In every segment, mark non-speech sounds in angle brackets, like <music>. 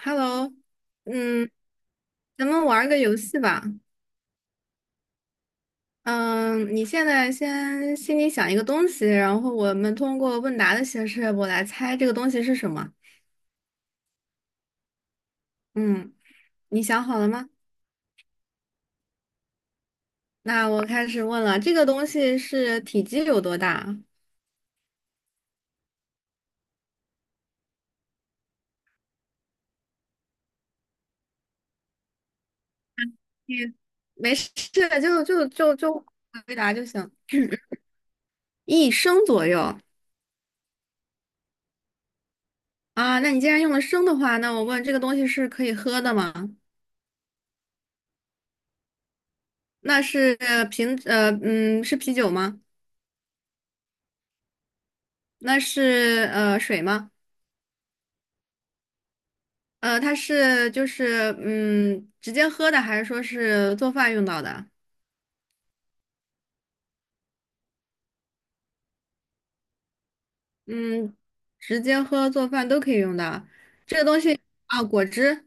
Hello，嗯，咱们玩儿个游戏吧。嗯，你现在先心里想一个东西，然后我们通过问答的形式，我来猜这个东西是什么。嗯，你想好了吗？那我开始问了，这个东西是体积有多大？你没事，就就就就回答就行。一升左右。啊，那你既然用了升的话，那我问这个东西是可以喝的吗？那是呃瓶，呃，嗯，是啤酒吗？那是水吗？它是直接喝的，还是说是做饭用到的？嗯，直接喝做饭都可以用到啊。果汁、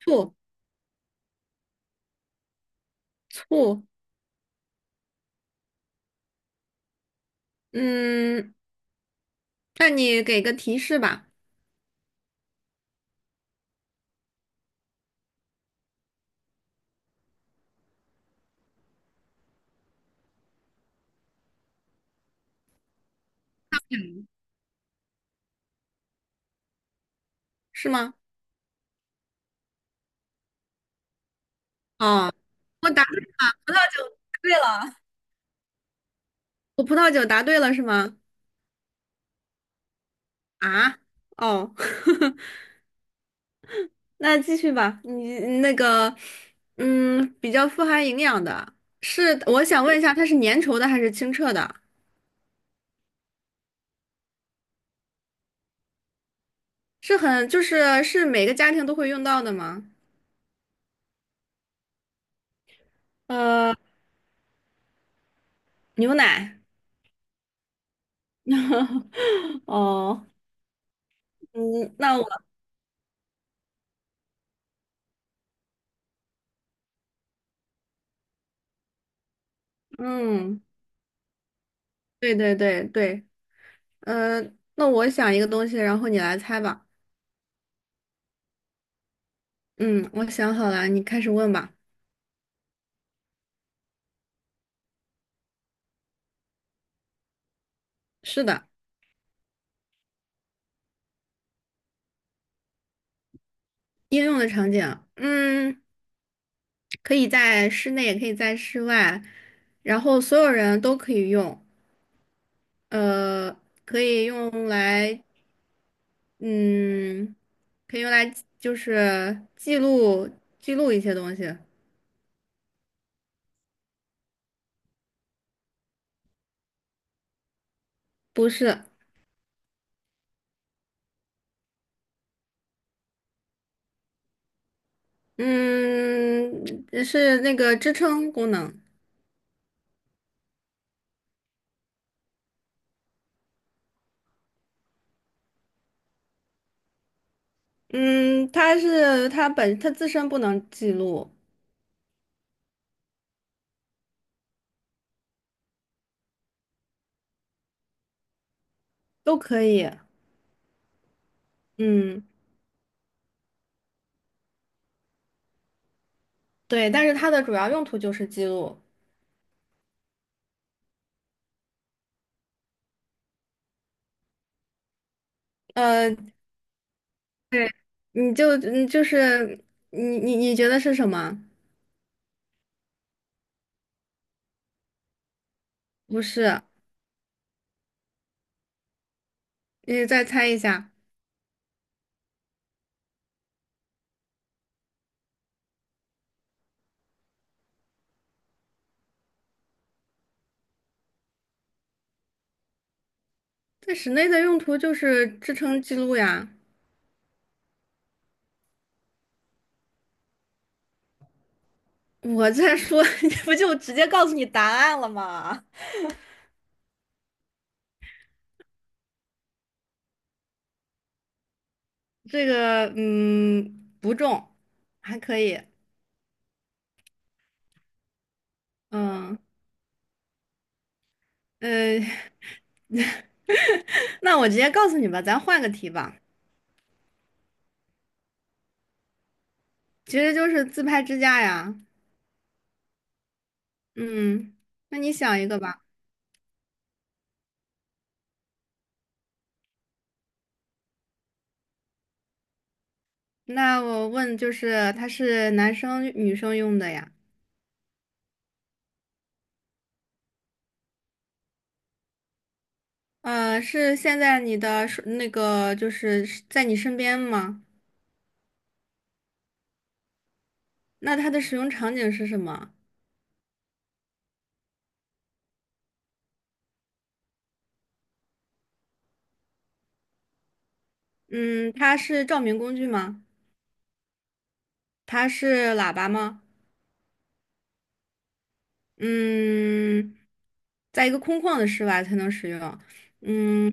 醋、醋，嗯，那你给个提示吧，是吗？哦，我答对葡萄酒答对了，我葡萄酒答对了是吗？啊，哦，<laughs> 那继续吧，你那个比较富含营养的。是，我想问一下，它是粘稠的还是清澈的？是很，就是是每个家庭都会用到的吗？呃，牛奶。<laughs> 哦，嗯，那我 <laughs>，嗯，对，呃，那我想一个东西，然后你来猜吧。嗯，我想好了，你开始问吧。是的。应用的场景，嗯，可以在室内，也可以在室外，然后所有人都可以用，呃，可以用来嗯，可以用来就是记录，记录一些东西。不是。嗯，是那个支撑功能。嗯，它是它本它自身不能记录。都可以。嗯，对，但是它的主要用途就是记录。呃，你就嗯就是你觉得是什么？不是，你再猜一下。在室内的用途就是支撑记录呀。我在说，<laughs> 这不就直接告诉你答案了吗？这个，嗯，不重，还可以。嗯，呃，<laughs> 那我直接告诉你吧，咱换个题吧，其实就是自拍支架呀。嗯，那你想一个吧。那我问，就是它是男生女生用的呀？是现在你的手那个是在你身边吗？那它的使用场景是什么？嗯，它是照明工具吗？它是喇叭吗？嗯，在一个空旷的室外才能使用。嗯，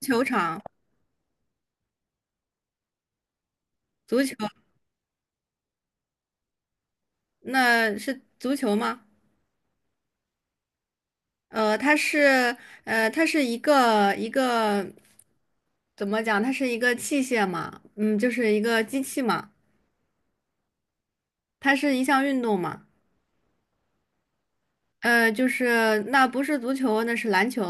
球场，足球，那是足球吗？呃，它是它是一个怎么讲？它是一个器械嘛，嗯，就是一个机器嘛。它是一项运动嘛。呃，就是那不是足球，那是篮球。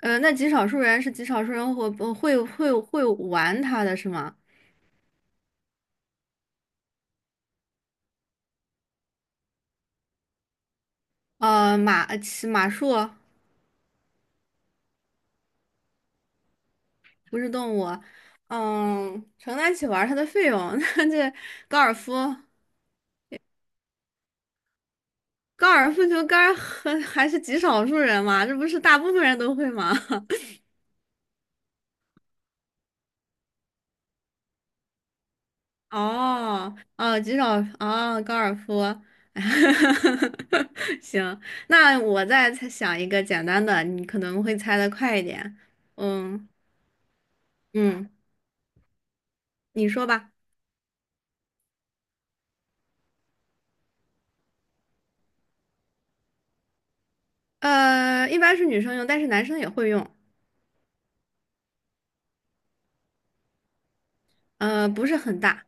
呃，那极少数人是极少数人会玩它的是吗？呃，骑马术。不是动物，嗯，承担起玩儿它的费用。<laughs> 那这高尔夫，高尔夫球杆儿很 <laughs> 还是极少数人嘛，这不是大部分人都会吗？<laughs> 哦，极少哦，高尔夫。<laughs> 行，那我再猜想一个简单的，你可能会猜的快一点。嗯嗯，你说吧。呃，一般是女生用，但是男生也会用。呃，不是很大。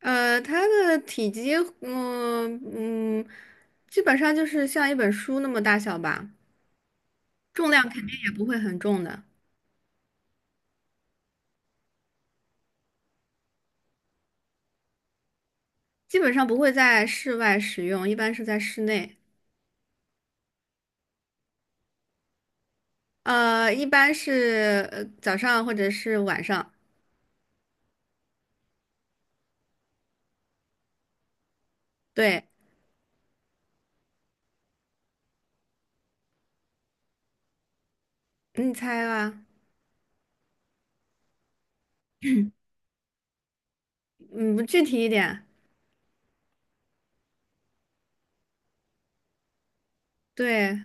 呃，它的体积，嗯嗯，基本上就是像一本书那么大小吧，重量肯定也不会很重的。基本上不会在室外使用，一般是在室内。呃，一般是早上或者是晚上。对，你猜吧。嗯，不具体一点。对，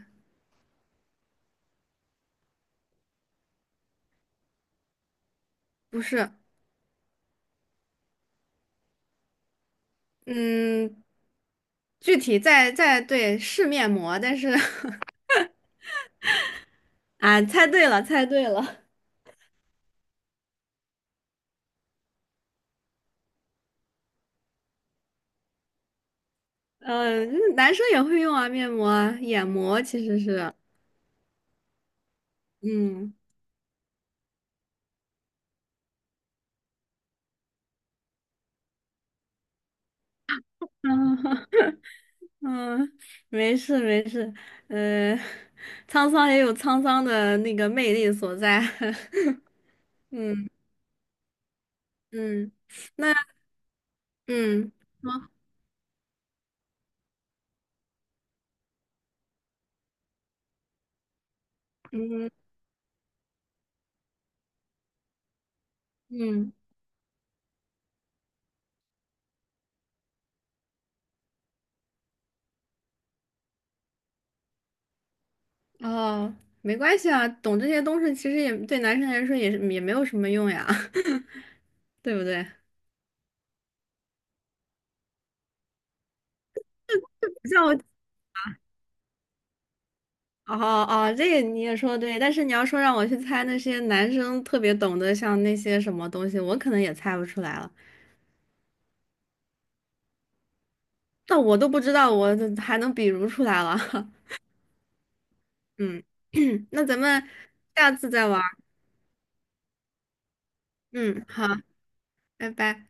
不是。嗯，具体在是面膜，但是 <laughs> 啊，猜对了，猜对了。男生也会用啊，面膜啊，眼膜其实是。嗯，<laughs> 嗯，没事，呃，沧桑也有沧桑的那个魅力所在。<laughs> 嗯嗯，那嗯，说嗯嗯，哦，没关系啊，懂这些东西其实也对男生来说也是也没有什么用呀。<laughs> 对不对？像哦哦，这个你也说得对，但是你要说让我去猜那些男生特别懂得像那些什么东西，我可能也猜不出来了。那我都不知道，我还能比如出来了。<laughs> 嗯，<clears throat> 那咱们下次再玩儿。嗯，好，拜拜。